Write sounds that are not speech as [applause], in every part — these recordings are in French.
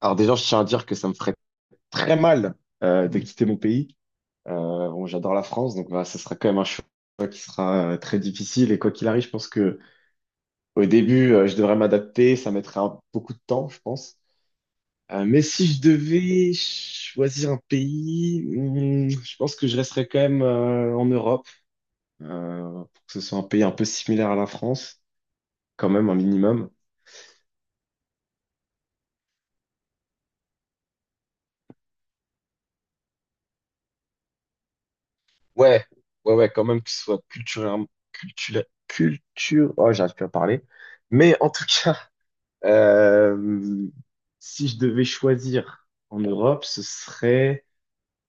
Alors déjà, je tiens à dire que ça me ferait très mal de quitter mon pays. Euh, bon, j'adore la France, donc voilà, ça sera quand même un choix qui sera très difficile. Et quoi qu'il arrive, je pense que au début, je devrais m'adapter. Ça mettrait beaucoup de temps, je pense. Mais si je devais choisir un pays, hmm, je pense que je resterais quand même en Europe, pour que ce soit un pays un peu similaire à la France, quand même un minimum. Ouais, ouais, ouais, quand même qu'il soit culturellement, culture, culture, oh, j'arrive plus à parler. Mais en tout cas, euh, si je devais choisir en Europe, ce serait,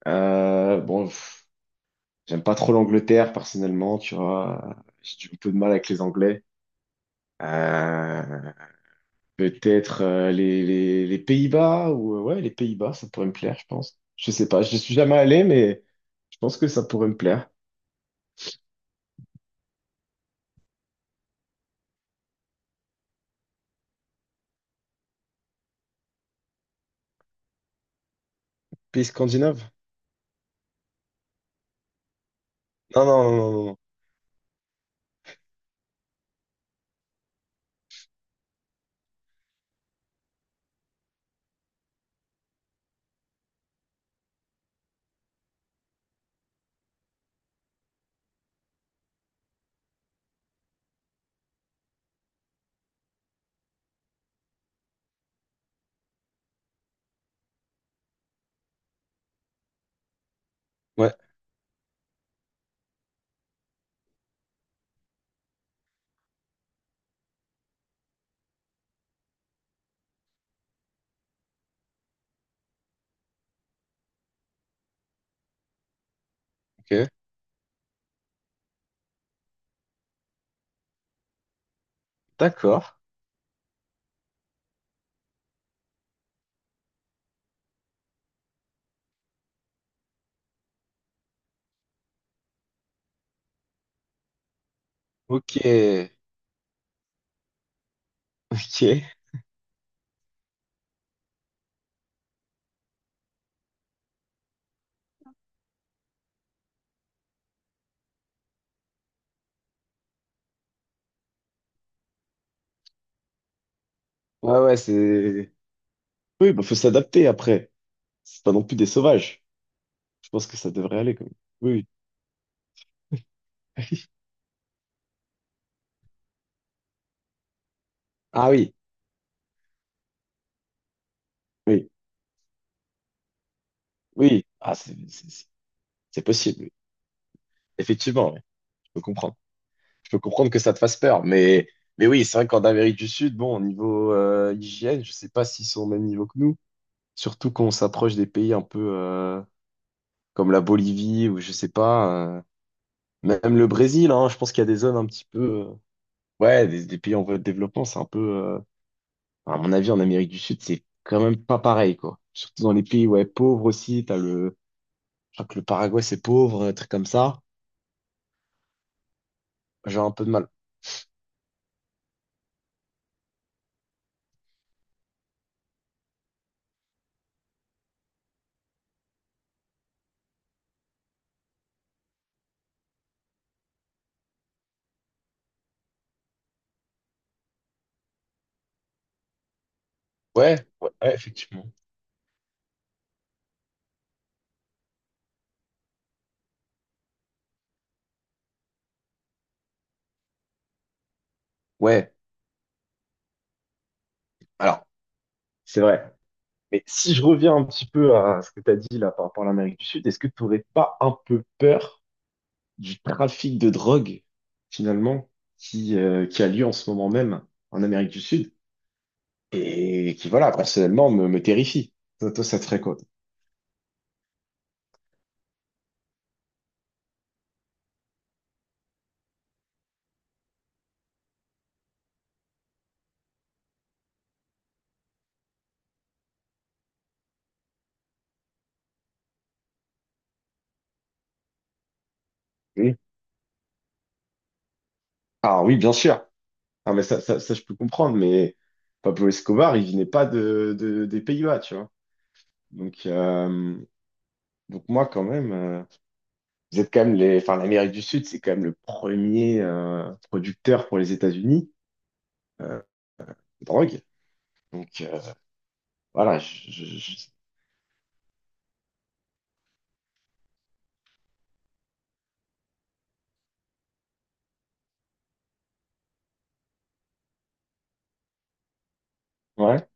bon, pff, j'aime pas trop l'Angleterre personnellement, tu vois, un peu de mal avec les Anglais. Euh, Peut-être les Pays-Bas ou, ouais, les Pays-Bas, ça pourrait me plaire, je pense. Je sais pas, je suis jamais allé, mais je pense que ça pourrait me plaire. Pays scandinave? Non, non, non, non, non, non. Ouais. Ok, d'accord. Ok, ok. Ouais, ouais, c'est. Oui, bah faut s'adapter après. C'est pas non plus des sauvages. Je pense que ça devrait aller quand même. Oui, oui. [laughs] Ah oui, oui, oui. Ah, c'est possible, oui. Effectivement, oui. Je peux comprendre. Je peux comprendre que ça te fasse peur, mais oui, c'est vrai qu'en Amérique du Sud, bon, au niveau hygiène, je sais pas s'ils sont au même niveau que nous. Surtout quand on s'approche des pays un peu comme la Bolivie ou je sais pas, euh, même le Brésil. Hein, je pense qu'il y a des zones un petit peu. euh, Ouais, des pays en voie de développement, c'est un peu, enfin, à mon avis, en Amérique du Sud, c'est quand même pas pareil, quoi. Surtout dans les pays, ouais, pauvres aussi, t'as le, je crois que le Paraguay, c'est pauvre, un truc comme ça. J'ai un peu de mal. Ouais, ouais, ouais, effectivement. Ouais, alors, c'est vrai. Mais si je reviens un petit peu à ce que t'as dit là par rapport à l'Amérique du Sud, est-ce que t'aurais pas un peu peur du trafic de drogue, finalement, qui a lieu en ce moment même en Amérique du Sud et qui, voilà, personnellement, me terrifie? Toi, toi, ça te ferait quoi? Ah oui, bien sûr. Ah, mais je peux comprendre, mais Pablo Escobar, il venait pas des Pays-Bas, tu vois. Donc, euh, donc moi, quand même, vous êtes quand même les, enfin, l'Amérique du Sud, c'est quand même le premier producteur pour les États-Unis euh, de drogue. Donc, voilà. Ouais.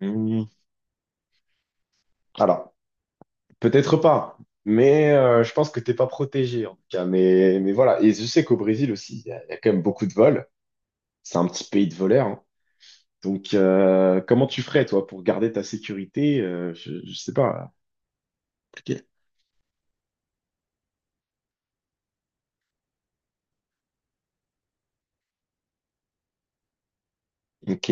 Hmm. Alors, peut-être pas, mais je pense que t'es pas protégé, en tout cas. Mais voilà. Et je sais qu'au Brésil aussi, il y a quand même beaucoup de vols. C'est un petit pays de voleurs, hein. Donc, comment tu ferais, toi, pour garder ta sécurité? Je sais pas. Appliquer. Ok.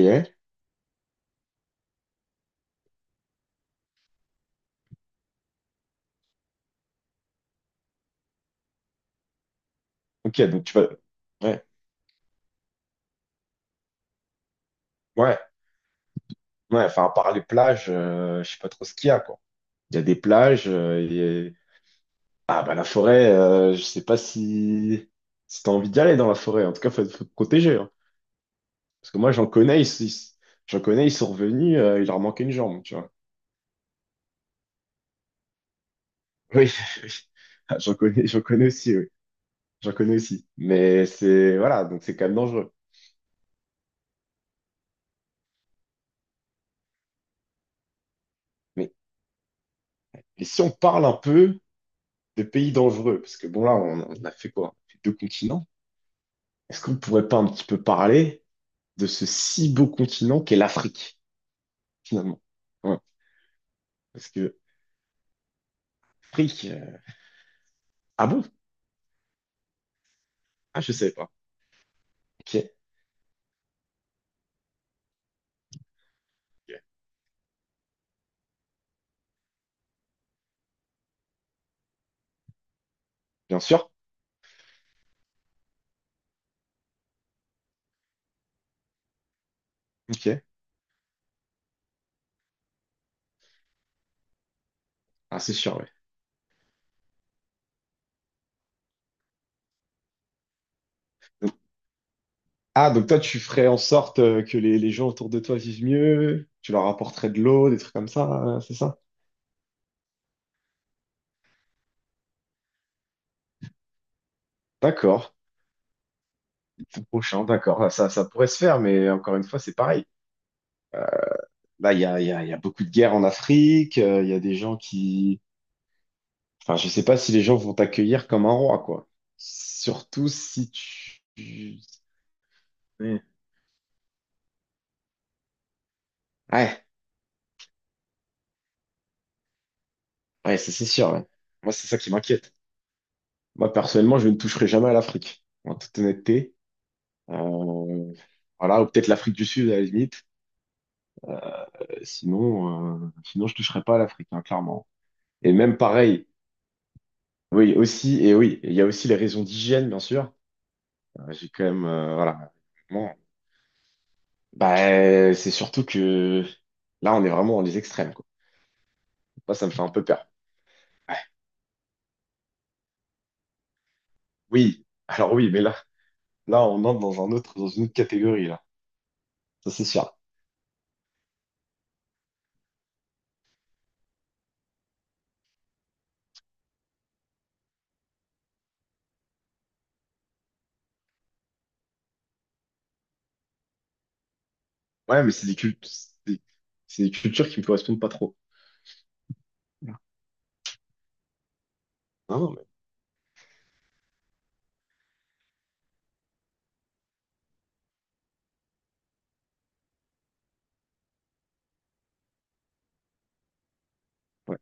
Ok, donc tu vas. Ouais, ouais, ouais. Enfin, à part les plages, je sais pas trop ce qu'il y a, quoi. Il y a des plages, ah, bah, la forêt, je sais pas si, si t'as envie d'y aller dans la forêt. En tout cas, faut te protéger, hein. Parce que moi, j'en connais, ils sont revenus, il leur manquait une jambe, tu vois. Oui, [laughs] oui. Ah, j'en connais aussi, oui. J'en connais aussi. Mais c'est, voilà, donc c'est quand même dangereux. Et si on parle un peu de pays dangereux, parce que bon là, on a fait quoi? On a fait deux continents. Est-ce qu'on pourrait pas un petit peu parler de ce si beau continent qu'est l'Afrique, finalement? Ouais. Parce que l'Afrique... euh, ah bon? Ah, je savais pas. Ok. Ok. Bien sûr. Ok. Ah, c'est sûr, ouais. Donc- ah, donc toi, tu ferais en sorte que les gens autour de toi vivent mieux, tu leur apporterais de l'eau, des trucs comme ça, c'est ça? D'accord. C'est prochain, d'accord. Ah, ça pourrait se faire, mais encore une fois, c'est pareil. Bah, il y a beaucoup de guerres en Afrique, il y a des gens qui... Enfin, je sais pas si les gens vont t'accueillir comme un roi, quoi. Surtout si ouais, ouais, ouais, ça c'est sûr, ouais. Moi, c'est ça qui m'inquiète. Moi, personnellement, je ne toucherai jamais à l'Afrique, en toute honnêteté. Euh, voilà, ou peut-être l'Afrique du Sud, à la limite. Euh, sinon, je toucherai pas à l'Afrique, hein, clairement. Et même pareil, oui, aussi, et oui, il y a aussi les raisons d'hygiène, bien sûr. J'ai quand même, voilà. Bah, c'est surtout que là, on est vraiment dans les extrêmes, quoi. Moi, ça me fait un peu peur. Ouais. Oui, alors oui, mais là, là, on entre dans un autre, dans une autre catégorie, là. Ça, c'est sûr. Ouais, mais c'est des cultes, c'est des cultures qui me correspondent pas trop. Non, non, mais ouais.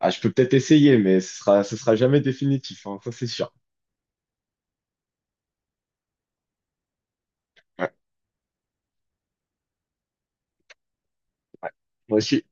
Ah, je peux peut-être essayer, mais ce sera jamais définitif, hein, ça, c'est sûr. Ouais, ouais. Moi aussi,